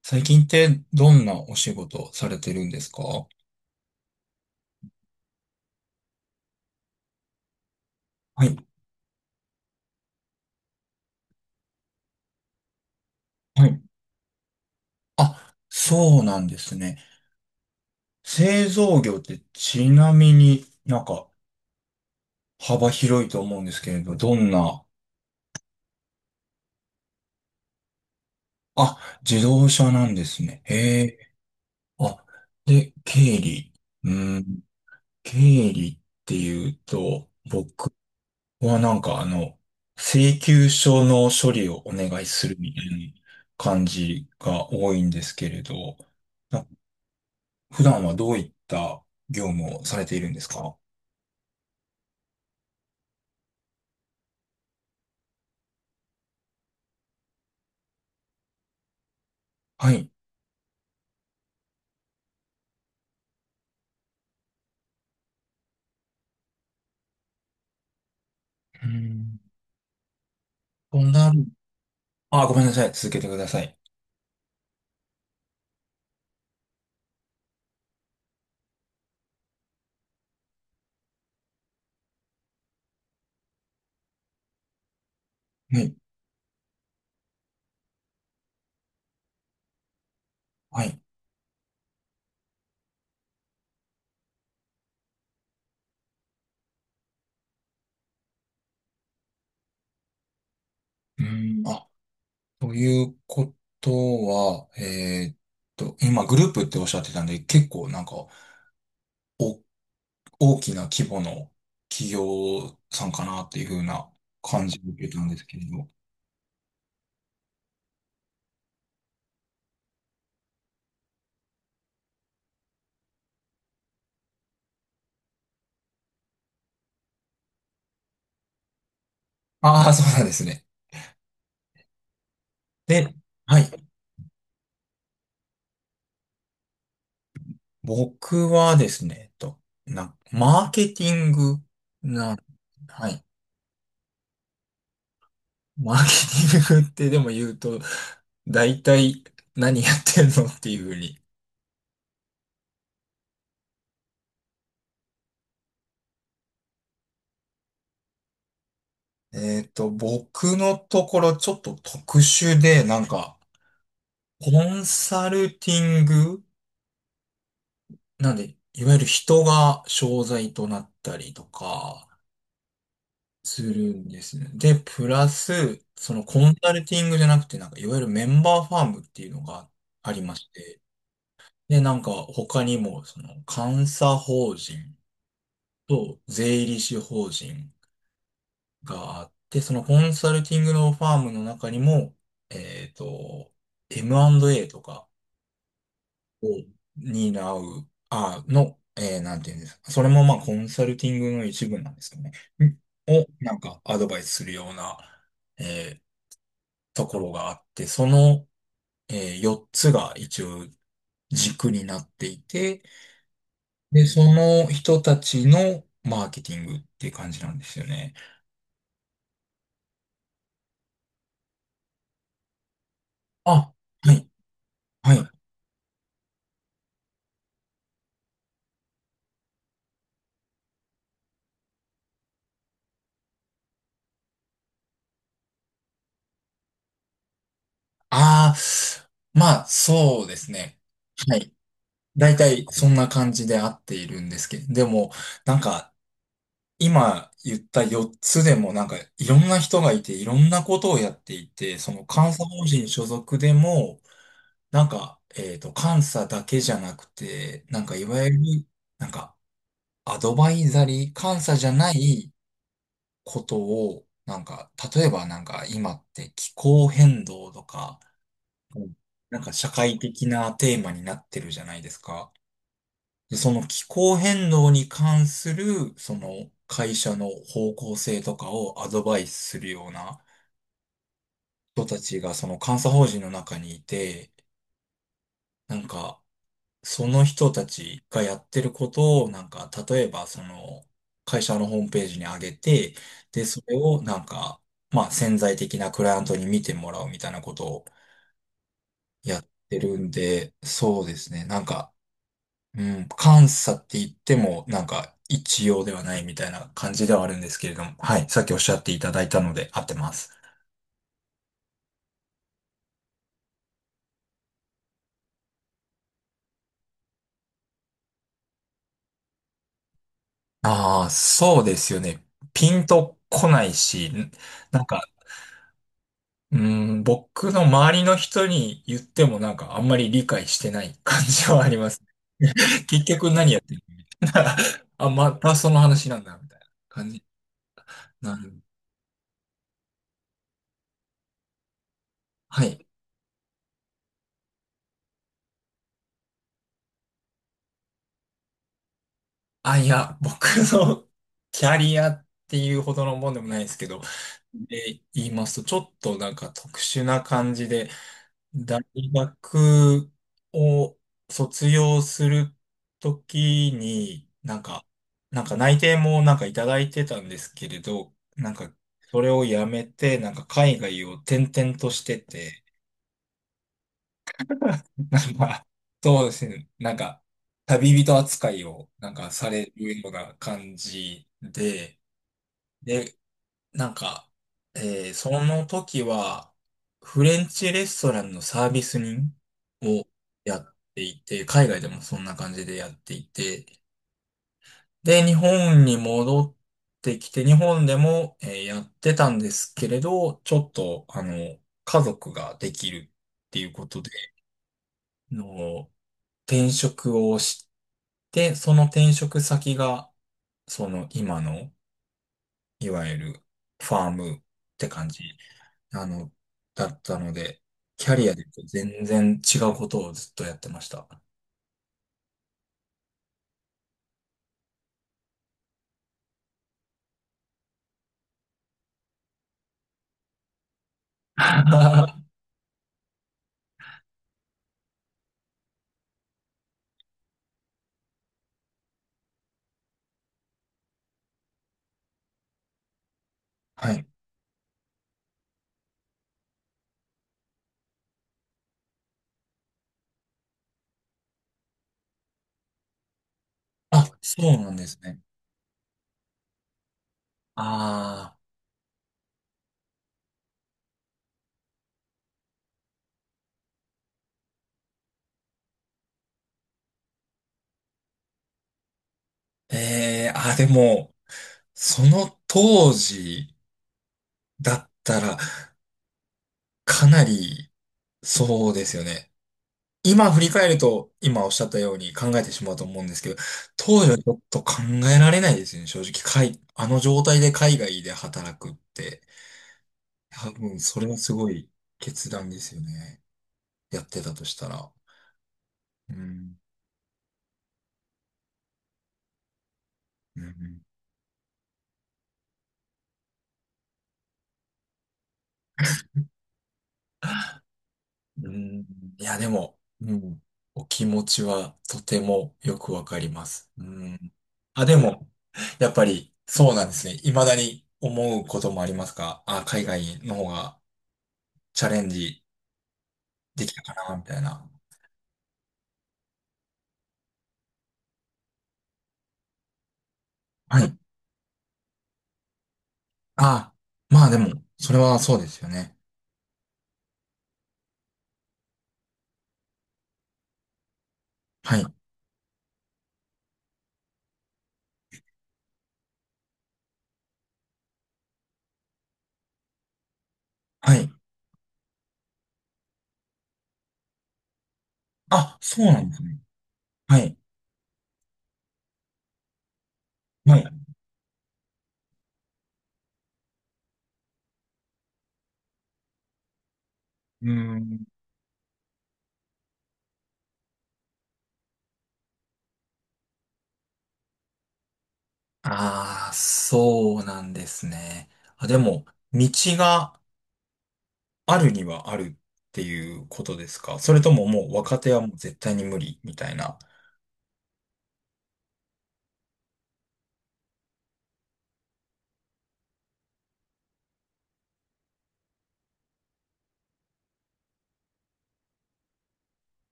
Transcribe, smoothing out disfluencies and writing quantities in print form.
最近ってどんなお仕事をされてるんですか？はい。はい。あ、そうなんですね。製造業ってちなみになんか幅広いと思うんですけれど、どんな、あ、自動車なんですね。へえ。あ、で、経理。うん、経理っていうと、僕はなんか請求書の処理をお願いするみたいな感じが多いんですけれど、普段はどういった業務をされているんですか？はい。うーん。となる。あ、ごめんなさい。続けてください。はい。はい。うーん。あ、ということは、今グループっておっしゃってたんで、結構なんか、お、大きな規模の企業さんかなっていう風な感じを受けたんですけれど。ああ、そうなんですね。で、はい。僕はですね、な、マーケティングな、はい。マーケティングってでも言うと、大体何やってんのっていうふうに。僕のところちょっと特殊で、なんか、コンサルティングなんで、いわゆる人が商材となったりとか、するんですね。で、プラス、そのコンサルティングじゃなくて、なんか、いわゆるメンバーファームっていうのがありまして、で、なんか、他にも、その、監査法人と税理士法人、があって、そのコンサルティングのファームの中にも、えっと、M&A とかを担う、あ、の、なんていうんですか。それもまあコンサルティングの一部なんですかね。んを、なんかアドバイスするような、えーところがあって、その、4つが一応軸になっていて、で、その人たちのマーケティングっていう感じなんですよね。あ、はい、はい。ああ、まあ、そうですね。はい。大体、そんな感じで合っているんですけど、でも、なんか、今言った4つでも、なんか、いろんな人がいて、いろんなことをやっていて、その監査法人所属でも、なんか、監査だけじゃなくて、なんか、いわゆる、なんか、アドバイザリー、監査じゃないことを、なんか、例えばなんか、今って気候変動とか、うんなんか社会的なテーマになってるじゃないですか。でその気候変動に関する、その会社の方向性とかをアドバイスするような人たちがその監査法人の中にいて、なんかその人たちがやってることを、なんか例えばその会社のホームページに上げて、で、それをなんか、まあ潜在的なクライアントに見てもらうみたいなことをやってるんで、そうですね。なんかうん、監査って言っても、なんか、一様ではないみたいな感じではあるんですけれども、はい、さっきおっしゃっていただいたので合ってます。ああ、そうですよね。ピンとこないし、なんか、うん、僕の周りの人に言ってもなんかあんまり理解してない感じはありますね。結局何やってる あ、またその話なんだ、みたいな感じ。なる。はい。あ、いや、僕の キャリアっていうほどのもんでもないですけど、で言いますと、ちょっとなんか特殊な感じで、大学を卒業するときに、なんか、なんか内定もなんかいただいてたんですけれど、なんか、それをやめて、なんか海外を転々としてて、なんか、そうですね、なんか、旅人扱いをなんかされるような感じで、で、なんか、その時は、フレンチレストランのサービス人をやっていて、海外でもそんな感じでやっていて、で、日本に戻ってきて、日本でも、やってたんですけれど、ちょっと、家族ができるっていうことで、の、転職をして、その転職先が、その今の、いわゆるファームって感じあの、だったので、キャリアで全然違うことをずっとやってました。はい。あ、そうなんですね。ああ、ええあ、でも、その当時だったら、かなり、そうですよね。今振り返ると、今おっしゃったように考えてしまうと思うんですけど、当時はちょっと考えられないですよね。正直、海あの状態で海外で働くって、多分、それはすごい決断ですよね。やってたとしたら。うん。うん。うん。いや、でも、うん。お気持ちはとてもよくわかります。うん。あ、でも、やっぱりそうなんですね。未だに思うこともありますか？あ、海外の方がチャレンジできたかな、みたいな。はい。あ、まあでも、それはそうですよね。はい。はい。あ、そうなんですね。はい。はい。うーん。ああ、そうなんですね。あ、でも、道があるにはあるっていうことですか？それとももう若手はもう絶対に無理みたいな。